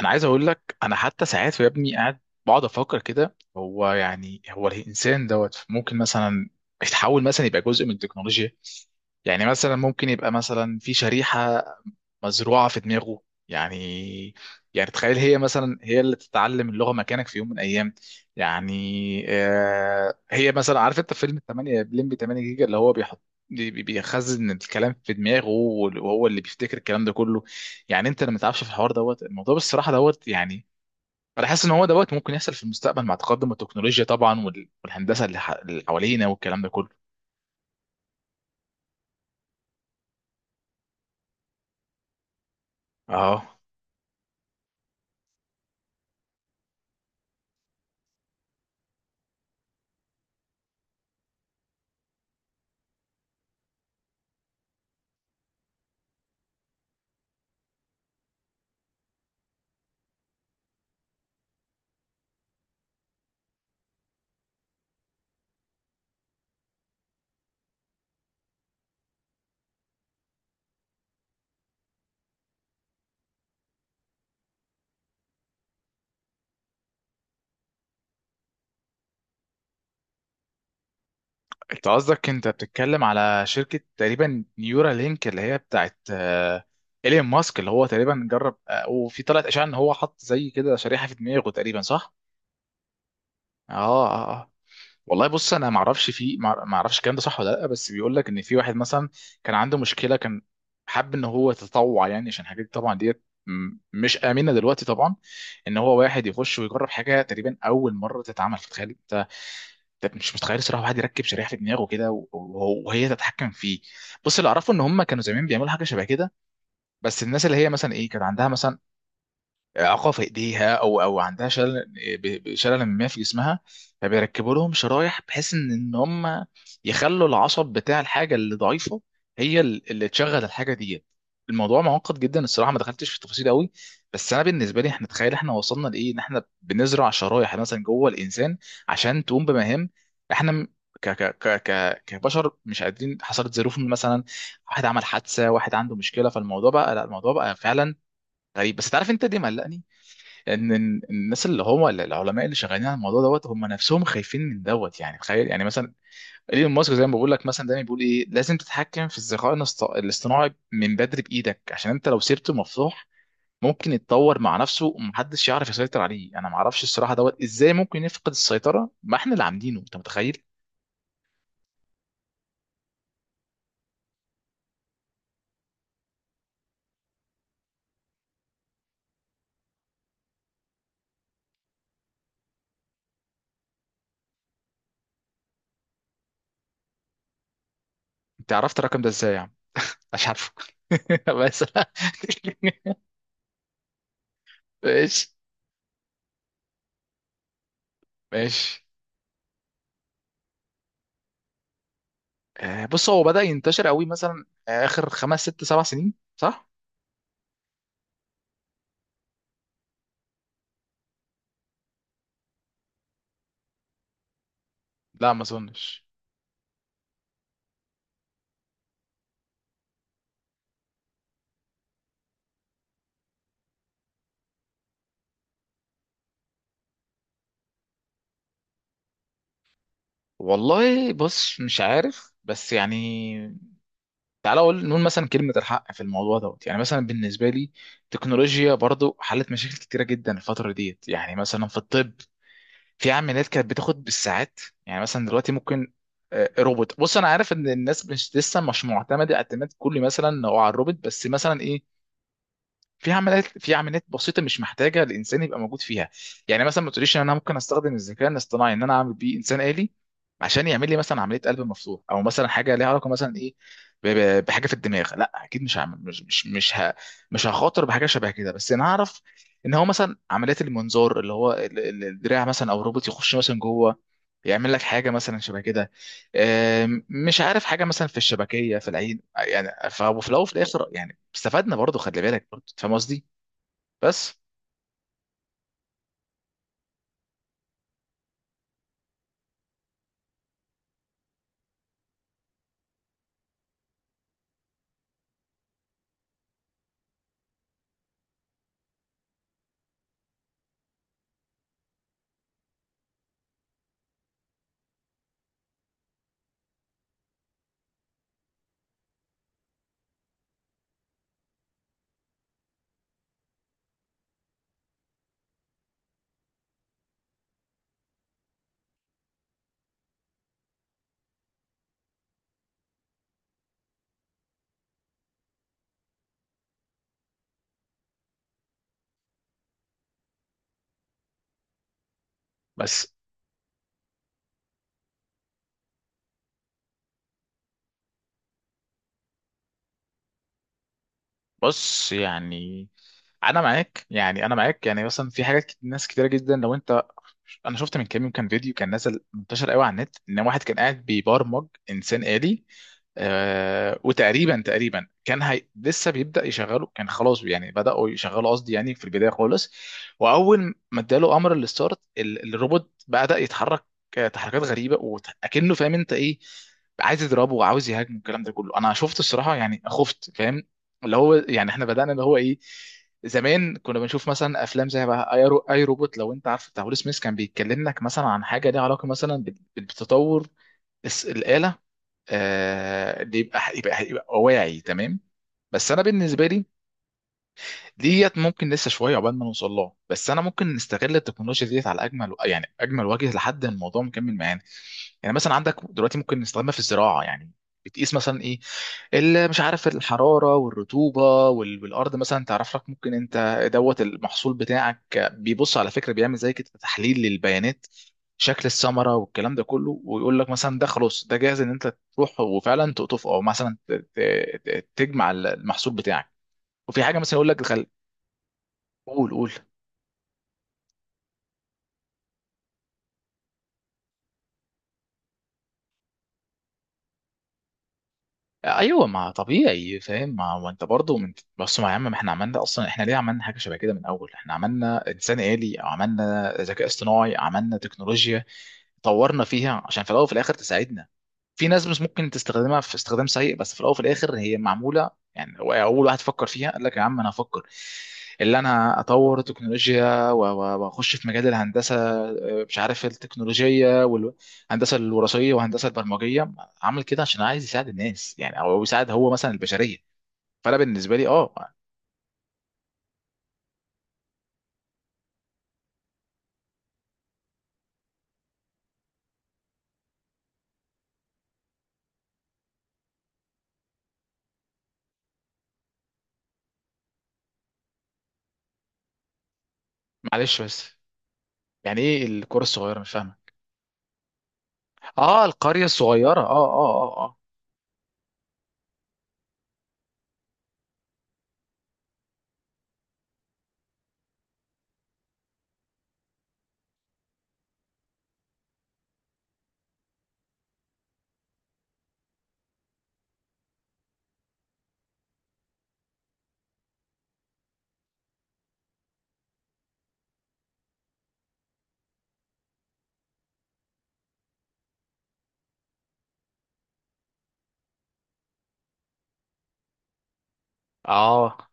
انا عايز اقول لك انا حتى ساعات يا ابني قاعد بقعد افكر كده هو يعني هو الانسان دوت ممكن مثلا يتحول مثلا يبقى جزء من التكنولوجيا. يعني مثلا ممكن يبقى مثلا في شريحة مزروعة في دماغه. يعني يعني تخيل هي مثلا هي اللي تتعلم اللغة مكانك في يوم من الأيام. يعني آه هي مثلا عارف أنت فيلم 8 بلمبي 8 جيجا اللي هو بيحط بيخزن الكلام في دماغه وهو اللي بيفتكر الكلام ده كله. يعني أنت لما تعرفش في الحوار دوت الموضوع بالصراحة دوت يعني أنا حاسس إن هو دوت ممكن يحصل في المستقبل مع تقدم التكنولوجيا طبعا والهندسة اللي حوالينا والكلام ده كله. أه انت قصدك انت بتتكلم على شركة تقريبا نيورا لينك اللي هي بتاعت آه، ايلون ماسك اللي هو تقريبا جرب آه، وفي طلعت اشاعة ان هو حط زي كده شريحة في دماغه تقريبا صح؟ اه. اه اه. والله بص انا ما اعرفش الكلام ده صح ولا لا، بس بيقول لك ان في واحد مثلا كان عنده مشكلة، كان حب ان هو يتطوع يعني عشان حاجات طبعا ديت مش آمنة دلوقتي طبعا، ان هو واحد يخش ويجرب حاجة تقريبا اول مرة تتعمل في الخارج. ده مش متخيل الصراحه واحد يركب شريحه في دماغه كده وهي تتحكم فيه. بص اللي اعرفه ان هم كانوا زمان بيعملوا حاجه شبه كده، بس الناس اللي هي مثلا ايه كانت عندها مثلا اعاقه في ايديها او عندها شلل، شلل ما في جسمها، فبيركبوا لهم شرايح بحيث ان هم يخلوا العصب بتاع الحاجه اللي ضعيفه هي اللي تشغل الحاجه دي. الموضوع معقد جدا الصراحه، ما دخلتش في التفاصيل قوي، بس انا بالنسبه لي احنا تخيل احنا وصلنا لايه، ان احنا بنزرع شرايح مثلا جوه الانسان عشان تقوم بمهام احنا م- ك ك ك ك كبشر مش قادرين. حصلت ظروف مثلا، واحد عمل حادثه، واحد عنده مشكله، فالموضوع بقى لا، الموضوع بقى فعلا غريب. بس تعرف انت دي مقلقني، إن الناس اللي هم العلماء اللي شغالين على الموضوع دوت هم نفسهم خايفين من دوت. يعني تخيل يعني مثلا ايلون ماسك زي ما بقول لك، مثلا دايما بيقول ايه لازم تتحكم في الذكاء الاصطناعي من بدري بايدك، عشان انت لو سيبته مفتوح ممكن يتطور مع نفسه ومحدش يعرف يسيطر عليه. انا ما اعرفش الصراحه دوت ازاي ممكن يفقد السيطره، ما احنا اللي عاملينه، انت متخيل. انت عرفت الرقم ده ازاي يا عم؟ مش عارفه. بس. ماشي. ماشي. آه، بص هو بدأ ينتشر قوي مثلا آخر خمس ست سبع سنين صح؟ لا ما اظنش. والله بص مش عارف، بس يعني تعالى اقول نقول مثلا كلمة الحق في الموضوع دوت. يعني مثلا بالنسبة لي التكنولوجيا برضو حلت مشاكل كتيرة جدا الفترة ديت، يعني مثلا في الطب في عمليات كانت بتاخد بالساعات. يعني مثلا دلوقتي ممكن آه، روبوت. بص انا عارف ان الناس مش لسه مش معتمدة اعتماد كلي مثلا هو على الروبوت، بس مثلا ايه في عمليات بسيطه مش محتاجه الانسان يبقى موجود فيها. يعني مثلا ما تقوليش ان انا ممكن استخدم الذكاء الاصطناعي ان انا اعمل بيه انسان آلي عشان يعمل لي مثلا عمليه قلب مفتوح، او مثلا حاجه ليها علاقه مثلا ايه ب- بحاجه في الدماغ، لا اكيد مش هعمل، مش مش هخاطر بحاجه شبه كده. بس انا اعرف ان هو مثلا عمليات المنظار اللي هو الدراع مثلا او الروبوت يخش مثلا جوه يعمل لك حاجه مثلا شبه كده، آم، مش عارف حاجه مثلا في الشبكيه في العين. يعني فلو في الاول وفي الاخر يعني استفدنا برضه، خلي بالك برضه، فاهم قصدي؟ بس بس بص يعني انا معاك، يعني انا معاك، يعني مثلا في حاجات ناس كتيره جدا لو انت. انا شفت من كام يوم كان فيديو كان نازل منتشر قوي على النت، ان واحد كان قاعد بيبرمج انسان آلي. آه، وتقريبا كان لسه بيبدأ يشغله، كان خلاص يعني بدأوا يشغلوا قصدي يعني في البداية خالص، وأول ما اداله أمر الستارت الروبوت بدأ يتحرك آه، تحركات غريبة وأكنه فاهم أنت إيه، عايز يضربه وعاوز يهاجمه، الكلام ده كله أنا شفت الصراحة يعني خفت. فاهم؟ اللي هو يعني إحنا بدأنا اللي هو إيه، زمان كنا بنشوف مثلا افلام زي بقى أي روبوت، لو انت عارف بتاع ويل سميث كان بيتكلم لك مثلا عن حاجه ليها علاقه مثلا بالتطور، الآلة، آه، اللي يبقى واعي تمام. بس انا بالنسبه لي ديت ممكن لسه شويه عقبال ما نوصل لها، بس انا ممكن نستغل التكنولوجيا ديت على اجمل يعني اجمل وجه لحد الموضوع مكمل معانا. يعني مثلا عندك دلوقتي ممكن نستخدمها في الزراعه، يعني بتقيس مثلا ايه اللي مش عارف، الحراره والرطوبه والارض مثلا، تعرف لك ممكن انت دوت المحصول بتاعك بيبص، على فكره بيعمل زي كده تحليل للبيانات، شكل الثمره والكلام ده كله، ويقول لك مثلا ده خلاص ده جاهز ان انت تروح وفعلا تقطفه، او مثلا تجمع المحصول بتاعك. وفي حاجه مثلا يقول لك. قول، قول. ايوه ما طبيعي فاهم، ما هو انت برضه من بص، ما يا عم ما احنا عملنا اصلا، احنا ليه عملنا حاجه شبه كده من الاول؟ احنا عملنا انسان آلي، عملنا ذكاء اصطناعي، عملنا تكنولوجيا، طورنا فيها عشان في الاول وفي الاخر تساعدنا. في ناس مش ممكن تستخدمها في استخدام سيء، بس في الاول وفي الاخر هي معموله، يعني هو اول واحد فكر فيها قال لك يا عم انا هفكر، اللي انا اطور تكنولوجيا واخش في مجال الهندسه آه، مش عارف التكنولوجيه والهندسه الوراثيه والهندسه البرمجيه، عامل كده عشان عايز يساعد الناس يعني، او يساعد هو مثلا البشريه. فانا بالنسبه لي اه. معلش بس، يعني ايه الكره الصغيره؟ مش فاهمه. اه القريه الصغيره. اه اه اه. اه اه.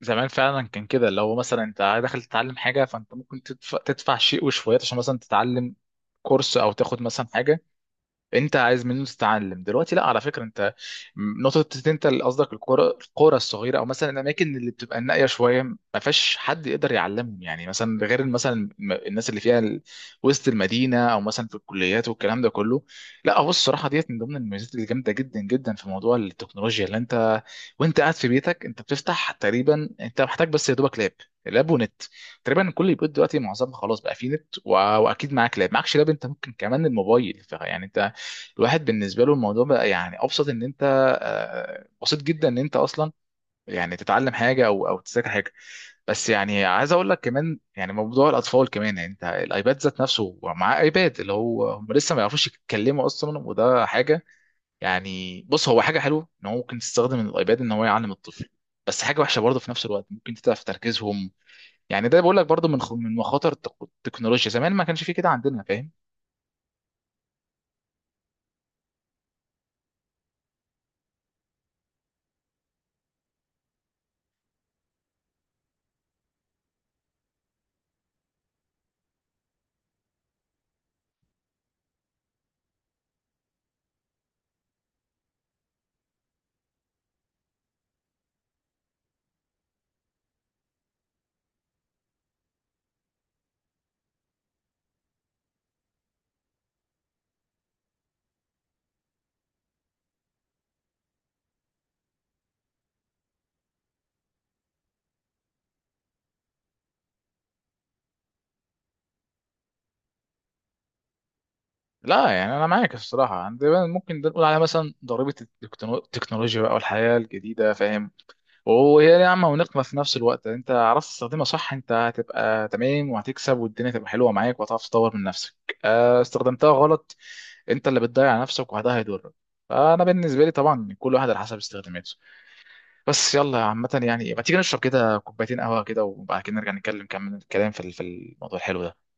زمان فعلا كان كده، اللي هو مثلا انت داخل تتعلم حاجه، فانت ممكن تدفع، تدفع شيء وشويات عشان مثلا تتعلم كورس، او تاخد مثلا حاجه انت عايز منه تتعلم. دلوقتي لا، على فكره انت نقطه إن انت اللي قصدك، القرى، القرى الصغيره، او مثلا الاماكن اللي بتبقى النائيه شويه ما فيهاش حد يقدر يعلمهم، يعني مثلا غير مثلا الناس اللي فيها وسط المدينه، او مثلا في الكليات والكلام ده كله. لا هو الصراحه ديت من ضمن الميزات الجامده جدا جدا في موضوع التكنولوجيا، اللي انت وانت قاعد في بيتك انت بتفتح تقريبا، انت محتاج بس يا دوبك لاب، لاب ونت. تقريبا كل البيوت دلوقتي معظمها خلاص بقى فيه نت و... واكيد معاك لاب، معكش لاب انت ممكن كمان الموبايل، يعني انت الواحد بالنسبه له الموضوع بقى يعني ابسط ان انت آه، بسيط جدا ان انت اصلا يعني تتعلم حاجه او تذاكر حاجه. بس يعني عايز اقول لك كمان، يعني موضوع الاطفال كمان، يعني انت الايباد ذات نفسه مع ايباد اللي هو هم لسه ما يعرفوش يتكلموا اصلا، وده حاجه، يعني بص هو حاجه حلوه ان هو ممكن تستخدم الايباد ان هو يعلم الطفل، بس حاجه وحشه برضه في نفس الوقت ممكن تتعب في تركيزهم. يعني ده بقول لك برضه من من مخاطر التكنولوجيا، زمان ما كانش فيه كده عندنا فاهم. لا يعني انا معاك الصراحه عندنا، ممكن ده نقول عليها مثلا ضريبه التكنولوجيا بقى والحياه الجديده فاهم. وهي نعمه ونقمه في نفس الوقت، يعني انت عرفت تستخدمها صح انت هتبقى تمام وهتكسب والدنيا تبقى حلوه معاك وهتعرف تطور من نفسك، آه، استخدمتها غلط انت اللي بتضيع نفسك، وده هيضرك. فانا بالنسبه لي طبعا كل واحد على حسب استخداماته. بس يلا عامه يعني ما تيجي نشرب كده كوبايتين قهوه كده، وبعد كده نرجع نتكلم كمل الكلام في الموضوع الحلو ده.